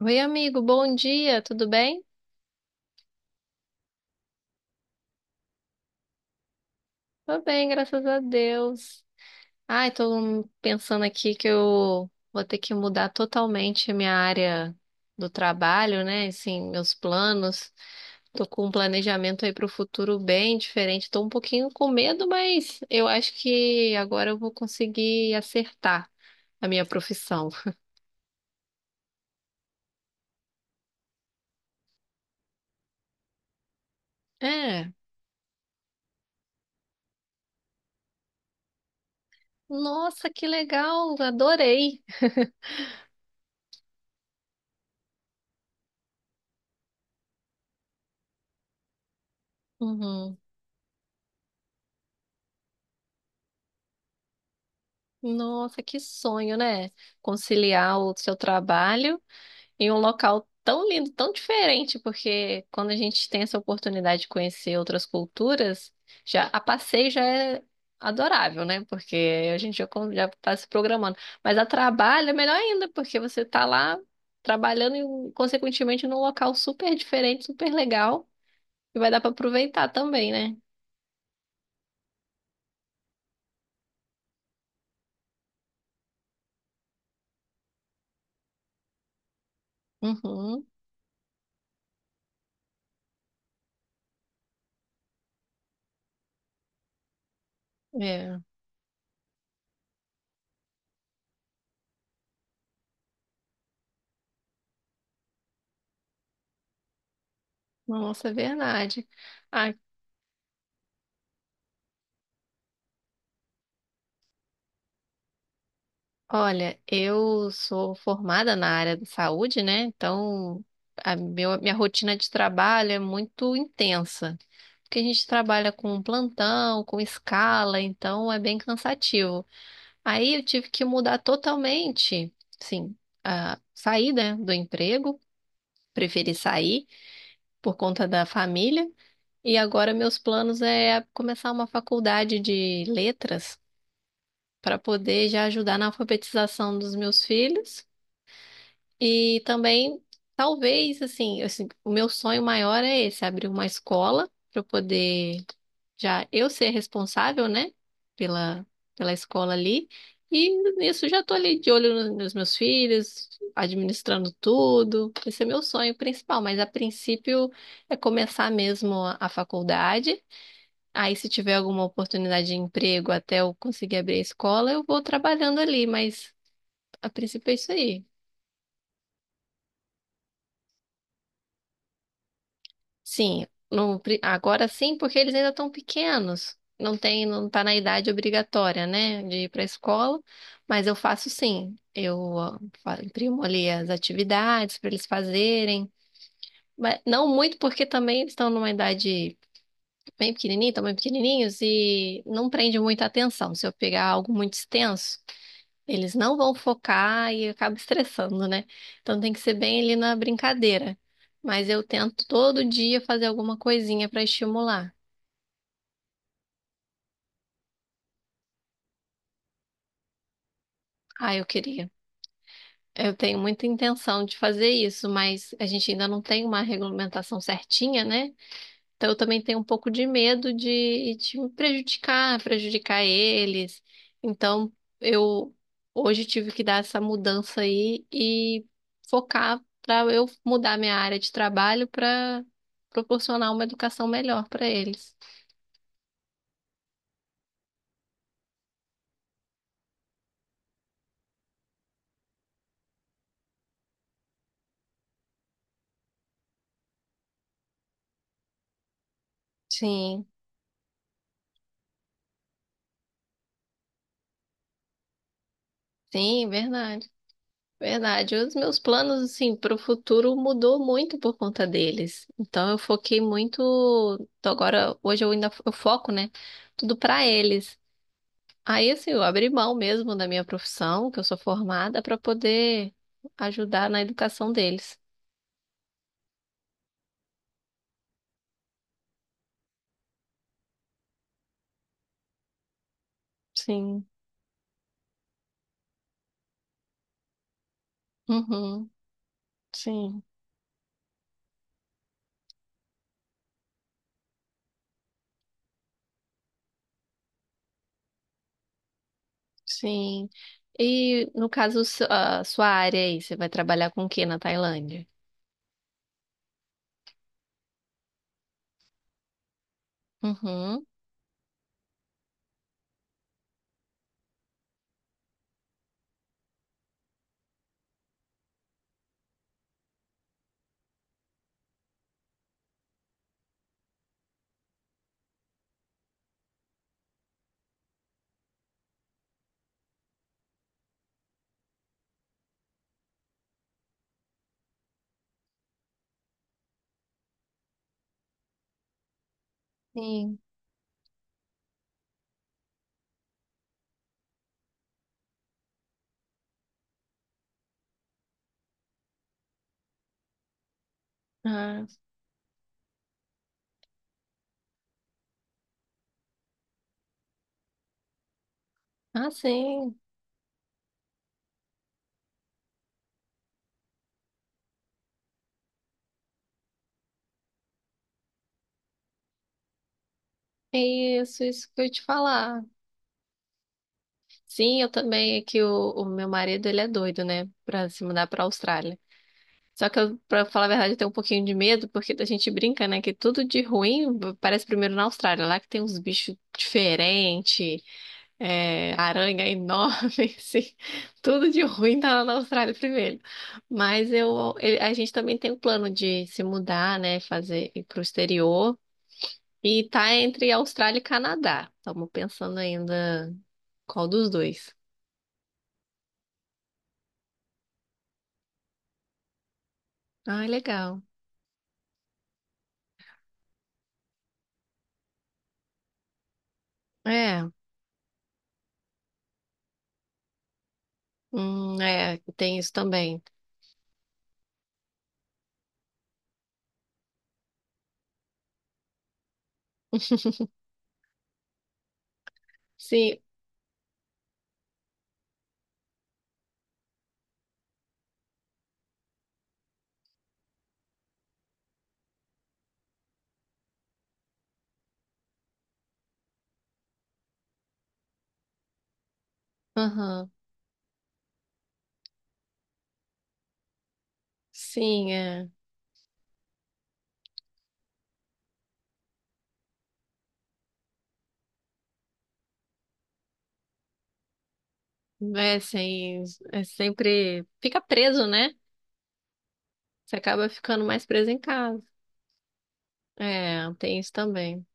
Oi, amigo, bom dia, tudo bem? Tô bem, graças a Deus. Ai, tô pensando aqui que eu vou ter que mudar totalmente a minha área do trabalho, né? Assim, meus planos. Tô com um planejamento aí pro futuro bem diferente. Tô um pouquinho com medo, mas eu acho que agora eu vou conseguir acertar a minha profissão. É. Nossa, que legal, adorei. Uhum. Nossa, que sonho, né? Conciliar o seu trabalho em um local tão lindo, tão diferente, porque quando a gente tem essa oportunidade de conhecer outras culturas, já a passeio já é adorável, né? Porque a gente já está se programando. Mas a trabalho é melhor ainda, porque você está lá trabalhando e, consequentemente, num local super diferente, super legal, e vai dar para aproveitar também, né? Uhum, é. Nossa, é verdade. Olha, eu sou formada na área da saúde, né? Então, minha rotina de trabalho é muito intensa, porque a gente trabalha com plantão, com escala, então é bem cansativo. Aí eu tive que mudar totalmente, sim, a sair, né, do emprego, preferi sair por conta da família, e agora meus planos é começar uma faculdade de letras para poder já ajudar na alfabetização dos meus filhos. E também, talvez, assim, o meu sonho maior é esse, abrir uma escola para eu poder já eu ser responsável, né, pela, pela escola ali. E nisso já tô ali de olho nos meus filhos, administrando tudo. Esse é meu sonho principal, mas a princípio é começar mesmo a faculdade. Aí, se tiver alguma oportunidade de emprego até eu conseguir abrir a escola, eu vou trabalhando ali, mas a princípio é isso aí. Sim, no pri- agora sim, porque eles ainda estão pequenos. Não tem, não tá na idade obrigatória, né, de ir para a escola, mas eu faço sim. Eu ó, imprimo ali as atividades para eles fazerem, mas não muito porque também eles estão numa idade bem pequenininha, estão bem pequenininhos e não prende muita atenção. Se eu pegar algo muito extenso, eles não vão focar e acaba estressando, né? Então tem que ser bem ali na brincadeira. Mas eu tento todo dia fazer alguma coisinha para estimular. Ah, eu queria. Eu tenho muita intenção de fazer isso, mas a gente ainda não tem uma regulamentação certinha, né? Então, eu também tenho um pouco de medo de me prejudicar, prejudicar eles. Então, eu hoje tive que dar essa mudança aí e focar para eu mudar minha área de trabalho para proporcionar uma educação melhor para eles. Sim, sim, verdade. Verdade. Os meus planos, assim, para o futuro mudou muito por conta deles. Então, eu foquei muito. Então, agora, hoje eu ainda eu foco, né? Tudo para eles. Aí, assim, eu abri mão mesmo da minha profissão, que eu sou formada, para poder ajudar na educação deles. Sim, uhum, sim, sim. E no caso, a sua área aí, você vai trabalhar com o quê na Tailândia? Uhum, sim. Ah, ah, sim. É. Isso que eu ia te falar. Sim, eu também, é que o meu marido, ele é doido, né, pra se mudar pra Austrália. Só que eu, pra falar a verdade, eu tenho um pouquinho de medo, porque a gente brinca, né, que tudo de ruim parece primeiro na Austrália, lá que tem uns bichos diferentes, é, aranha enorme, assim, tudo de ruim tá lá na Austrália primeiro. Mas eu, a gente também tem o plano de se mudar, né, fazer ir pro exterior, e tá entre Austrália e Canadá. Estamos pensando ainda qual dos dois. Ah, legal. É, é, tem isso também. Sim, aham. Sim, é. É, assim, é sempre. Fica preso, né? Você acaba ficando mais preso em casa. É, tem isso também.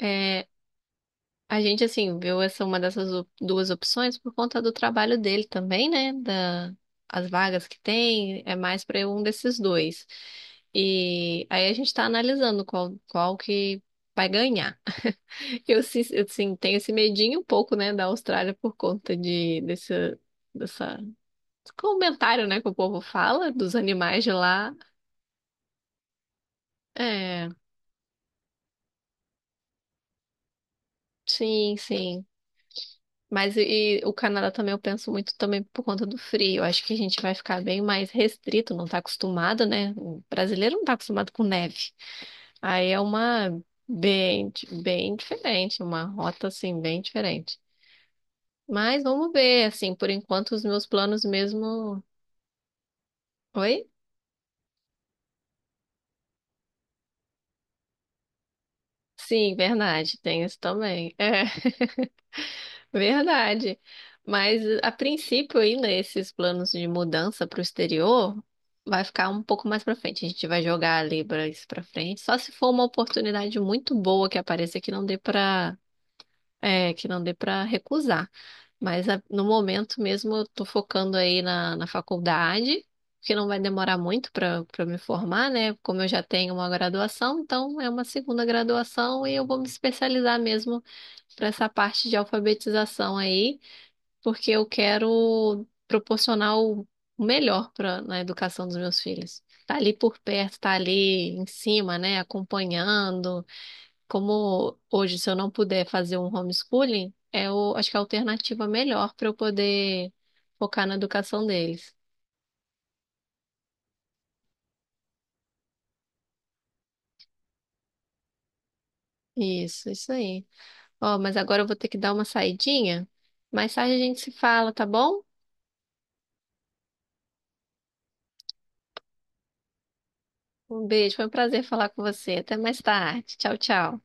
É, a gente, assim, viu essa uma dessas duas opções por conta do trabalho dele também, né? As vagas que tem, é mais para um desses dois. E aí a gente tá analisando qual que vai ganhar. Eu, sim tenho esse medinho um pouco, né, da Austrália por conta desse, dessa. Comentário, né, que o povo fala dos animais de lá. É, sim, sim. Mas e o Canadá também eu penso muito também por conta do frio. Eu acho que a gente vai ficar bem mais restrito, não tá acostumado, né? O brasileiro não tá acostumado com neve. Aí é uma bem, bem diferente, uma rota assim bem diferente. Mas vamos ver, assim, por enquanto os meus planos mesmo. Oi? Sim, verdade, tem isso também. Verdade. Mas a princípio, ainda esses planos de mudança para o exterior vai ficar um pouco mais para frente. A gente vai jogar ali para isso para frente. Só se for uma oportunidade muito boa que apareça que não dê para que não dê para recusar. Mas no momento mesmo eu tô focando aí na faculdade, que não vai demorar muito para me formar, né? Como eu já tenho uma graduação, então é uma segunda graduação e eu vou me especializar mesmo para essa parte de alfabetização aí, porque eu quero proporcionar o melhor para na educação dos meus filhos. Tá ali por perto, tá ali em cima, né? Acompanhando. Como hoje, se eu não puder fazer um homeschooling, acho que é a alternativa melhor para eu poder focar na educação deles. Isso aí. Ó, mas agora eu vou ter que dar uma saidinha. Mais tarde a gente se fala, tá bom? Um beijo, foi um prazer falar com você. Até mais tarde. Tchau, tchau.